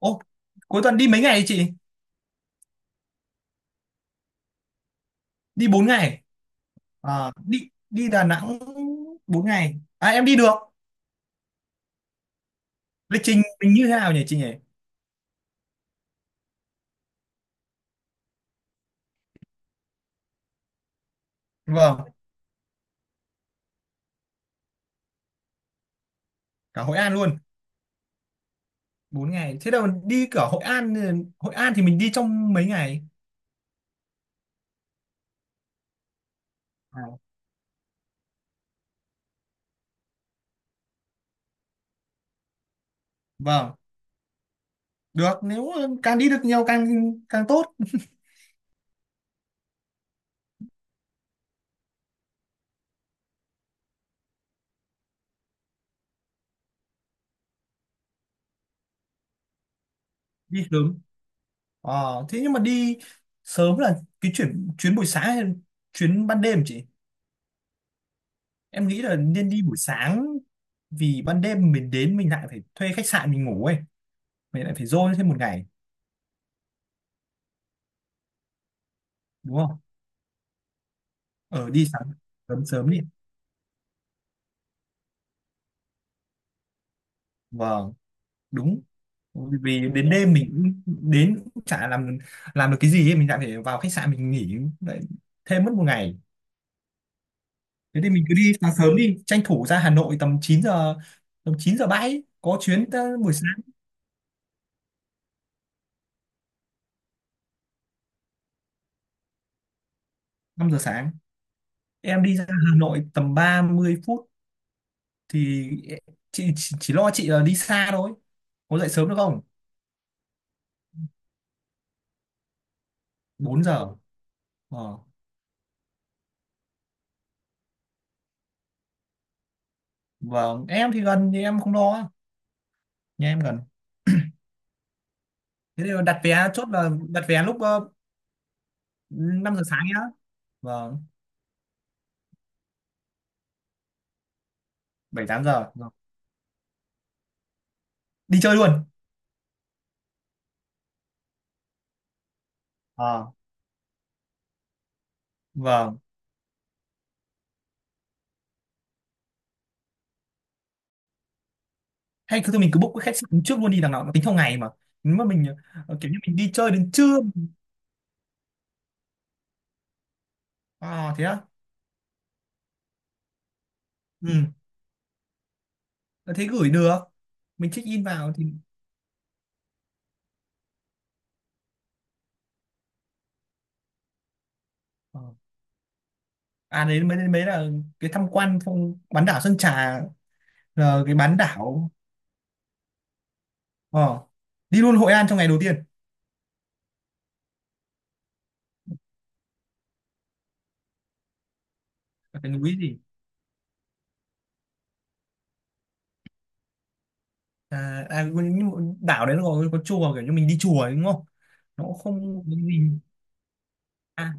Ô, cuối tuần đi mấy ngày chị? Đi 4 ngày. À, đi đi Đà Nẵng 4 ngày. À em đi được. Lịch trình mình như thế nào nhỉ chị nhỉ? Vâng, cả Hội An luôn. 4 ngày. Thế đâu đi cả Hội An. Hội An thì mình đi trong mấy ngày? À, vâng, được, nếu càng đi được nhiều càng càng tốt. Đi sớm. Ờ, thế nhưng mà đi sớm là cái chuyến chuyến buổi sáng hay chuyến ban đêm chị? Em nghĩ là nên đi buổi sáng vì ban đêm mình đến mình lại phải thuê khách sạn mình ngủ ấy, mày lại phải dôi thêm một ngày, đúng không? Ờ, đi sáng sớm, sớm đi. Vâng, đúng, vì đến đêm mình đến cũng chả làm được cái gì ấy. Mình lại phải vào khách sạn mình nghỉ lại thêm mất một ngày. Thế thì mình cứ đi sáng sớm đi, tranh thủ ra Hà Nội tầm 9 giờ, tầm 9 giờ bãi có chuyến tới buổi sáng. 5 giờ sáng em đi ra Hà Nội tầm 30 phút thì chị chỉ lo chị là đi xa thôi, có dậy sớm được không? 4 giờ. Ờ. Vâng, em thì gần thì em không lo, nhà em gần. Thế thì đặt vé chốt là đặt vé lúc 5 giờ sáng nhá. Vâng, 7 8 giờ. Vâng. Đi chơi luôn. Ờ, vâng. Hay cứ thôi mình cứ book cái khách sạn trước luôn đi, đằng nào nó tính theo ngày mà. Nếu mà mình ờ, kiểu như mình đi chơi đến trưa. À thế á. Ừ. Ờ, thế gửi được. Mình check in vào thì Ờ. À đấy mới mới là cái tham quan phong bán đảo Sơn Trà, là cái bán đảo. Ờ. Đi luôn Hội An trong ngày đầu tiên. Cái núi gì? À, à, nhưng mà đảo đấy nó có chùa, kiểu như mình đi chùa ấy, đúng không? Nó cũng không có gì. À,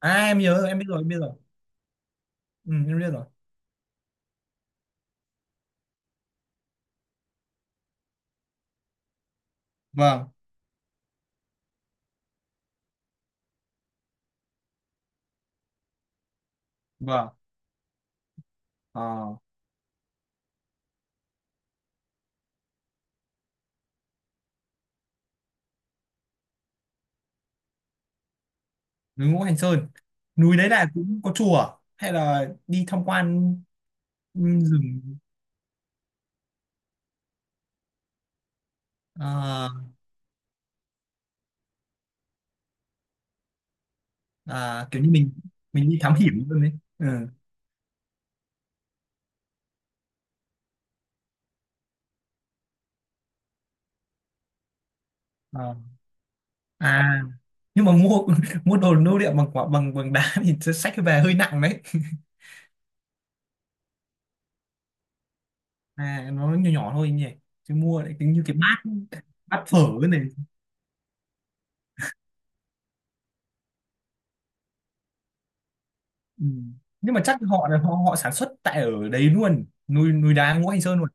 à em nhớ rồi, em biết rồi em biết rồi. Ừ, em biết rồi. Vâng. Vâng. Ờ, núi Ngũ Hành Sơn. Núi đấy là cũng có chùa hay là đi tham quan? Ừ, rừng. Ờ. À, kiểu như mình đi thám hiểm luôn đấy. Ừ. Ờ. À nhưng mà mua mua đồ lưu niệm bằng quả bằng bằng đá thì sẽ xách về hơi nặng đấy. À nó nhỏ nhỏ thôi nhỉ, chứ mua lại tính như cái bát, bát phở này. Ừ. Nhưng mà chắc họ họ họ sản xuất tại ở đấy luôn, núi núi đá Ngũ Hành Sơn luôn.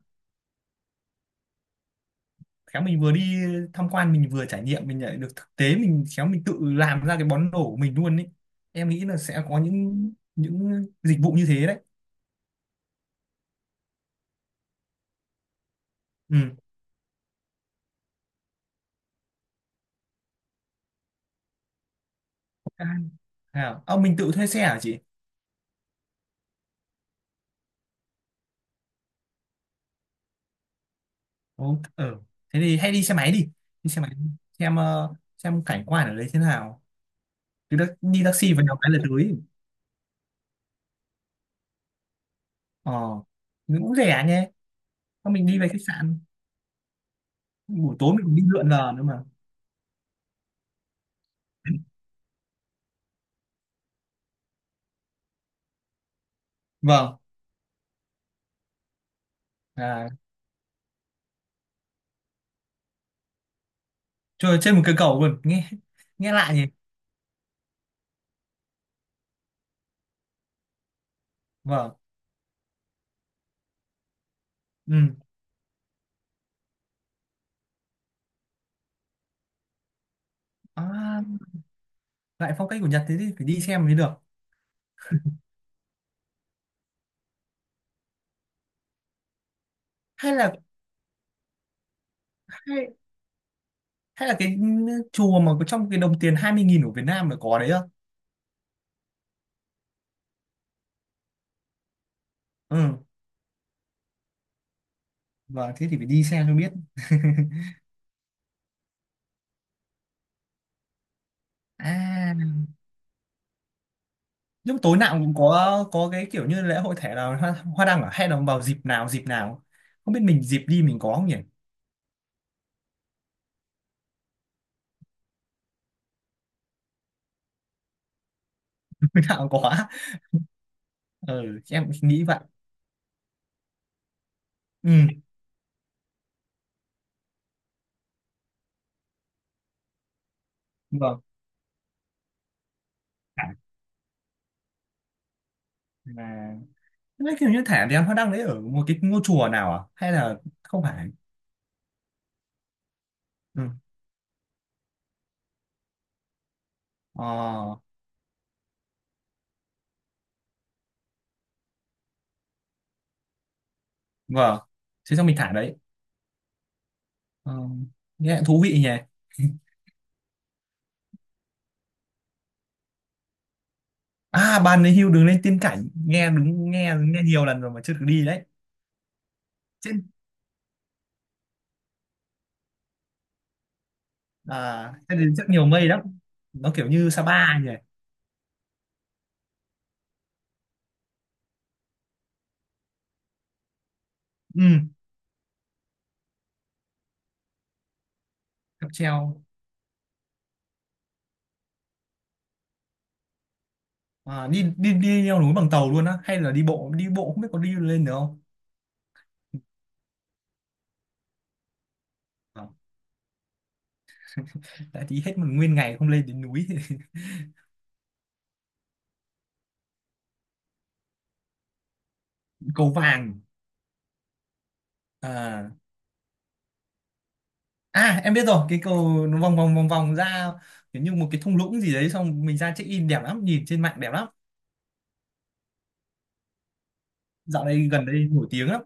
Khéo mình vừa đi tham quan mình vừa trải nghiệm, mình lại được thực tế, mình khéo mình tự làm ra cái món đồ của mình luôn ấy. Em nghĩ là sẽ có những dịch vụ như thế đấy. Ừ. À, ờ, mình tự thuê xe hả chị? Ồ, ờ, thế thì hay đi xe máy đi, đi xe máy xem xem cảnh quan ở đấy thế nào. Từ đó đi taxi vào nhiều cái là tới. Ờ, nó cũng rẻ nhé. Thôi mình đi về khách sạn, buổi tối mình cũng đi lượn lờ nữa mà. Vâng. À, chơi trên một cây cầu luôn nghe, nghe lạ nhỉ. Vâng. Ừ. À, lại phong cách của Nhật, thế thì phải đi xem mới được. Hay là, hay, hay là cái ừ, chùa mà có trong cái đồng tiền 20.000 của Việt Nam mà có đấy không? Ừ. Vâng, thế thì phải đi xem cho biết. À nhưng mà tối nào cũng có cái kiểu như lễ hội thẻ nào hoa, đăng à, hay là vào dịp nào dịp nào, không biết mình dịp đi mình có không nhỉ? Mình nào cũng có. Ừ em nghĩ vậy. Ừ. Vâng. À, thế kiểu như thả đèn hoa đăng đấy ở một cái ngôi chùa nào à? Hay là không phải? Ừ. Ờ, vâng. Thế xong mình thả đấy. Ờ, nghe thú vị nhỉ. À, bàn đấy hưu đường lên tiên cảnh. Nghe đúng, nghe nghe nhiều lần rồi mà chưa được đi đấy. Trên à, trên đấy rất nhiều mây lắm. Nó kiểu như Sapa nhỉ. Ừ, cáp treo. À, đi đi đi leo núi bằng tàu luôn á, hay là đi bộ không biết có đi lên được không? Ờ, đã tí hết một nguyên ngày không lên đến núi. Cầu vàng. À. À em biết rồi, cái cầu nó vòng vòng vòng vòng ra kiểu như một cái thung lũng gì đấy, xong mình ra check in, đẹp lắm, nhìn trên mạng đẹp lắm. Dạo này gần đây nổi tiếng lắm.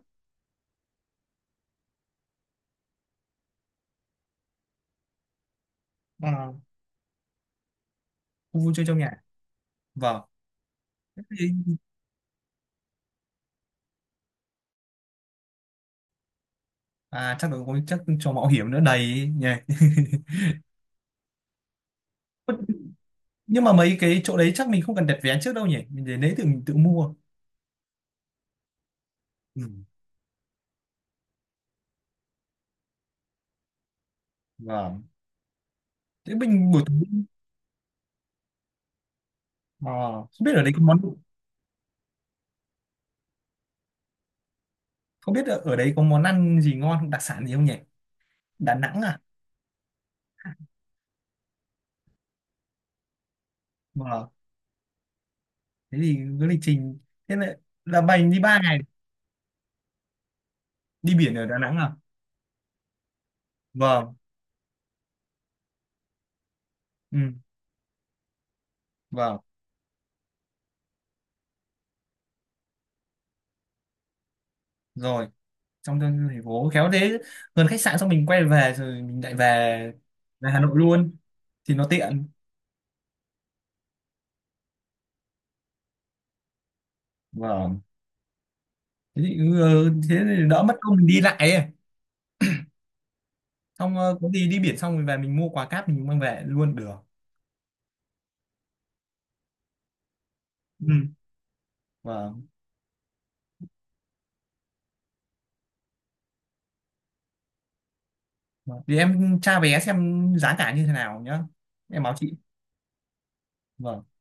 À, khu vui chơi trong nhà. Vâng. À chắc là có chắc cho mạo hiểm nữa đầy ấy nhỉ. Nhưng mà mấy cái chỗ đấy chắc mình không cần đặt vé trước đâu nhỉ, mình đến đấy tự mình tự mua. Ừ. Vâng. Thế mình buổi tối, à, không biết ở đấy có món, không biết ở ở đấy có món ăn gì ngon không, đặc sản gì không nhỉ? Đà Nẵng à. Vâng, thế thì cái lịch trình, thế là bành đi 3 ngày. Đi biển ở Đà Nẵng à. Vâng. Ừ, vâng. Rồi, trong tương thành phố khéo thế, gần khách sạn xong mình quay về rồi mình lại về, về Hà Nội luôn. Thì nó tiện. Vâng, thế thì, ừ, ừ, thế thì đỡ mất công mình đi lại ấy. Xong ờ, có gì đi biển xong rồi về mình mua quà cáp mình mang về luôn được. Ừ. Vâng. Vâng. Thì em tra vé xem giá cả như thế nào nhá, em báo chị. Vâng.